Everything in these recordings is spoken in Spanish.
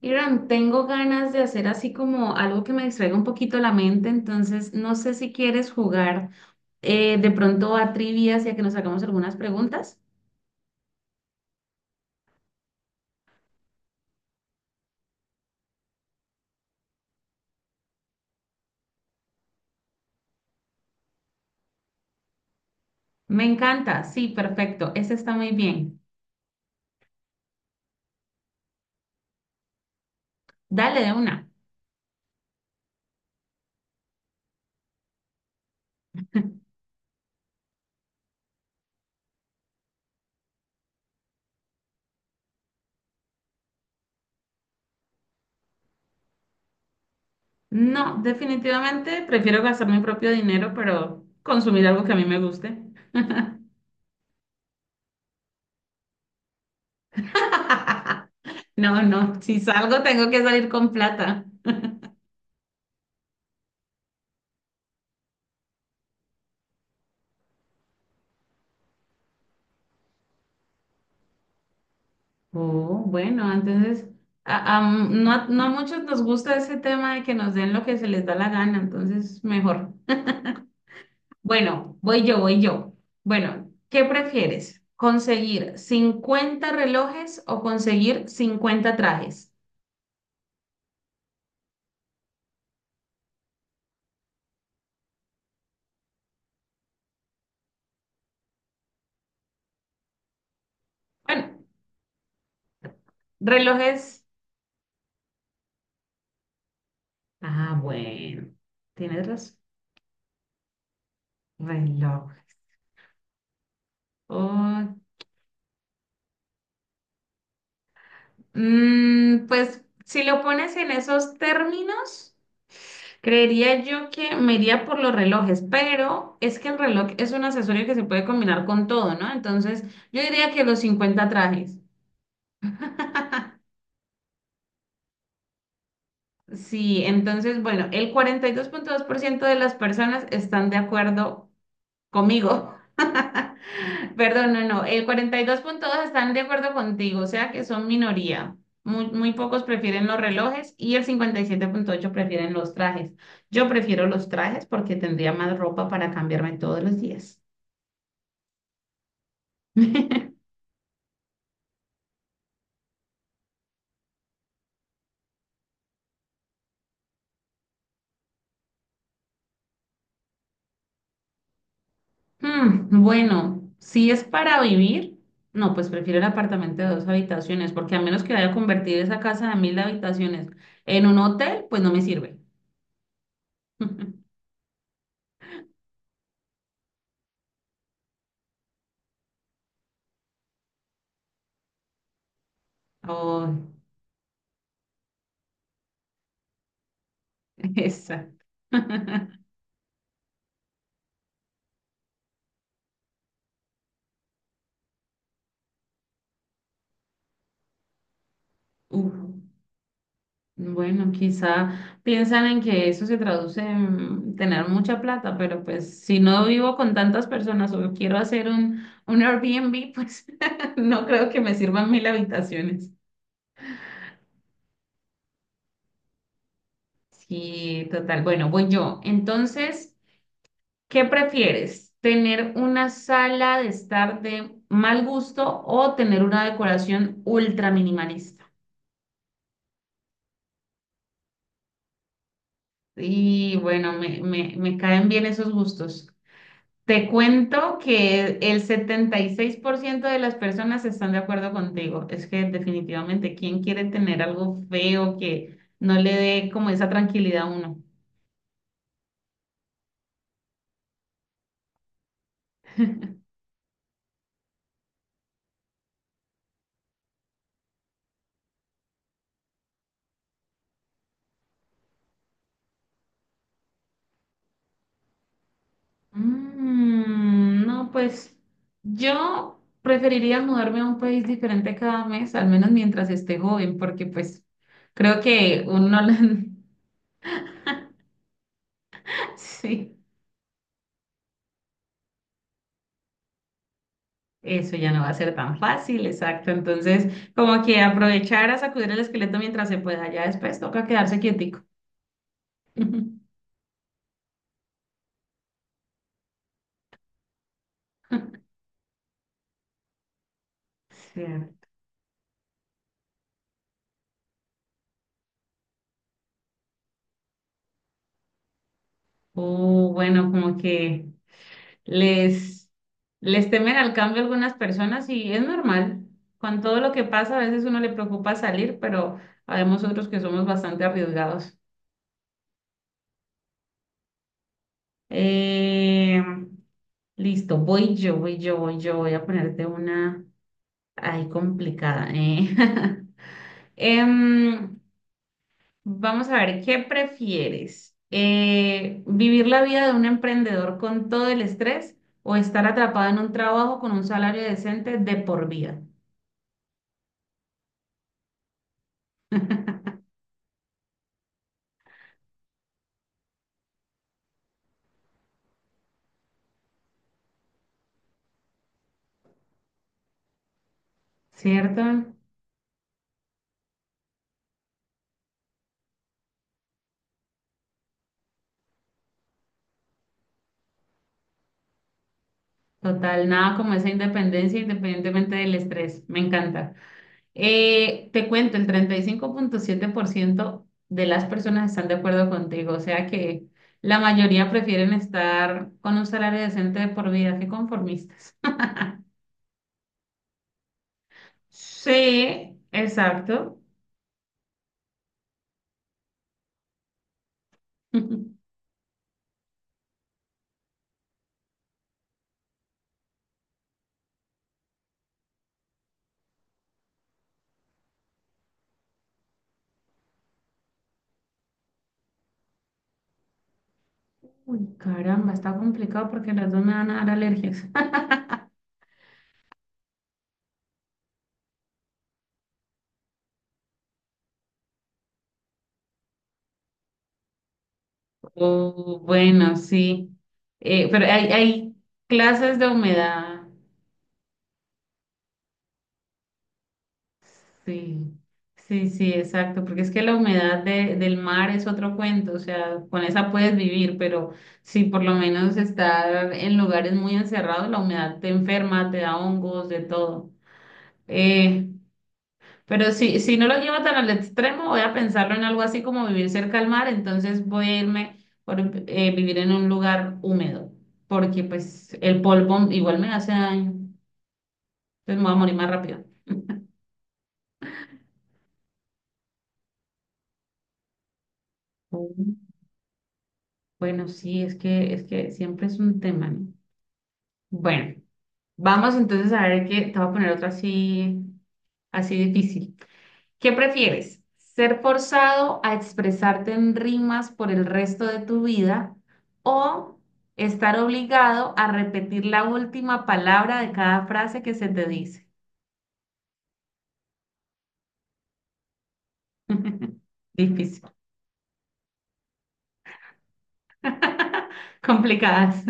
Irán, tengo ganas de hacer así como algo que me distraiga un poquito la mente, entonces no sé si quieres jugar de pronto a trivias y a que nos hagamos algunas preguntas. Me encanta, sí, perfecto, ese está muy bien. Dale de una. No, definitivamente prefiero gastar mi propio dinero, pero consumir algo que a mí me guste. No, no, si salgo tengo que salir con plata. Oh, bueno, entonces no, a no a muchos nos gusta ese tema de que nos den lo que se les da la gana, entonces mejor. Bueno, voy yo, voy yo. Bueno, ¿qué prefieres? ¿Conseguir 50 relojes o conseguir 50 trajes? Bueno, relojes. Ah, bueno, tienes razón. Reloj. Mm, pues si lo pones en esos términos, creería yo que me iría por los relojes, pero es que el reloj es un accesorio que se puede combinar con todo, ¿no? Entonces, yo diría que los 50 trajes. Sí, entonces, bueno, el 42,2% de las personas están de acuerdo conmigo. Perdón, no, no. El 42.2 están de acuerdo contigo, o sea que son minoría. Muy, muy pocos prefieren los relojes y el 57,8 prefieren los trajes. Yo prefiero los trajes porque tendría más ropa para cambiarme todos los días. Hmm, bueno, si es para vivir, no, pues prefiero el apartamento de dos habitaciones porque a menos que vaya a convertir esa casa de 1.000 habitaciones en un hotel, pues no me sirve. Oh, exacto. Uf, bueno, quizá piensan en que eso se traduce en tener mucha plata, pero pues si no vivo con tantas personas o quiero hacer un Airbnb, pues no creo que me sirvan 1.000 habitaciones. Sí, total. Bueno, voy yo. Entonces, ¿qué prefieres? ¿Tener una sala de estar de mal gusto o tener una decoración ultra minimalista? Y bueno, me caen bien esos gustos. Te cuento que el 76% de las personas están de acuerdo contigo. Es que definitivamente, ¿quién quiere tener algo feo que no le dé como esa tranquilidad a uno? Mm, no, pues yo preferiría mudarme a un país diferente cada mes, al menos mientras esté joven, porque pues creo que uno... Sí. Eso ya no va a ser tan fácil, exacto. Entonces, como que aprovechar a sacudir el esqueleto mientras se pueda, ya después toca quedarse quietico. Cierto. O bueno, como que les, les temen al cambio algunas personas y es normal. Con todo lo que pasa, a veces uno le preocupa salir, pero habemos otros que somos bastante arriesgados. Eh, listo, voy yo, voy yo, voy yo. Voy a ponerte una ahí complicada. Em, vamos a ver, ¿qué prefieres? ¿Vivir la vida de un emprendedor con todo el estrés o estar atrapado en un trabajo con un salario decente de por vida? ¿Cierto? Total, nada como esa independencia independientemente del estrés. Me encanta. Te cuento, el 35,7% de las personas están de acuerdo contigo, o sea que la mayoría prefieren estar con un salario decente de por vida que conformistas. Sí, exacto. Uy, caramba, está complicado porque las dos me van a dar alergias. Oh, bueno, sí. Pero hay clases de humedad. Sí, sí, sí, exacto. Porque es que la humedad de- del mar es otro cuento. O sea, con esa puedes vivir, pero si por lo menos estar en lugares muy encerrados, la humedad te enferma, te da hongos, de todo. Eh, Pero si no lo llevo tan al extremo, voy a pensarlo en algo así como vivir cerca al mar, entonces voy a irme por vivir en un lugar húmedo, porque pues el polvo igual me hace daño, entonces me voy a morir más rápido. Mm. Bueno, sí, es que siempre es un tema, ¿no? Bueno, vamos entonces a ver qué, te voy a poner otro así, así difícil. ¿Qué prefieres? ¿Ser forzado a expresarte en rimas por el resto de tu vida o estar obligado a repetir la última palabra de cada frase que se te dice? Difícil. Complicadas.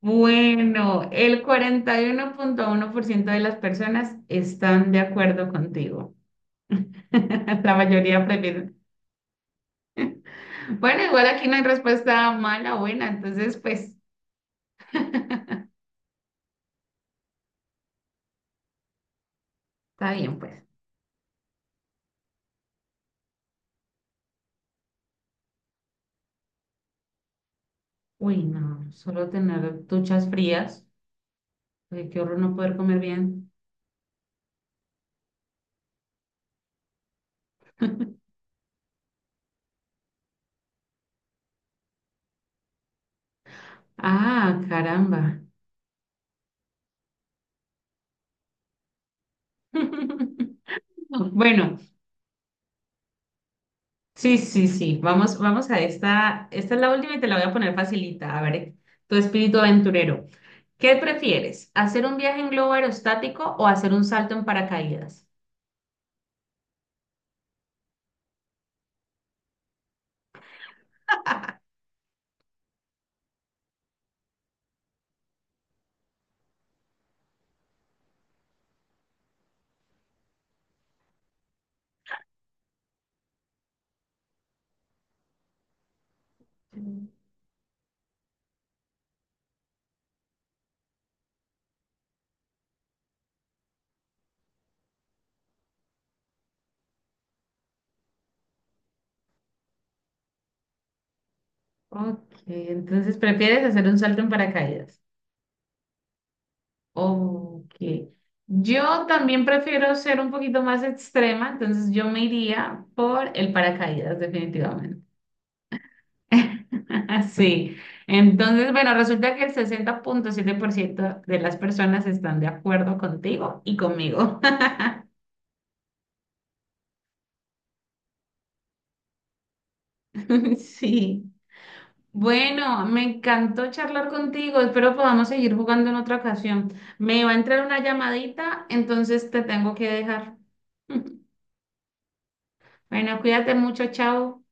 Bueno, el 41,1% de las personas están de acuerdo contigo. La mayoría prefieren. Bueno, igual aquí no hay respuesta mala o buena, entonces pues está bien, pues. Uy, no, solo tener duchas frías. Uy, qué horror no poder comer bien. Ah, caramba. Bueno, sí, sí, sí. Vamos, vamos a esta. Esta es la última y te la voy a poner facilita. A ver, tu espíritu aventurero. ¿Qué prefieres? ¿Hacer un viaje en globo aerostático o hacer un salto en paracaídas? Mm. Ok, entonces prefieres hacer un salto en paracaídas. Ok. Yo también prefiero ser un poquito más extrema, entonces yo me iría por el paracaídas, definitivamente. Sí. Entonces, bueno, resulta que el 60,7% de las personas están de acuerdo contigo y conmigo. Sí. Bueno, me encantó charlar contigo. Espero podamos seguir jugando en otra ocasión. Me va a entrar una llamadita, entonces te tengo que dejar. Bueno, cuídate mucho, chao.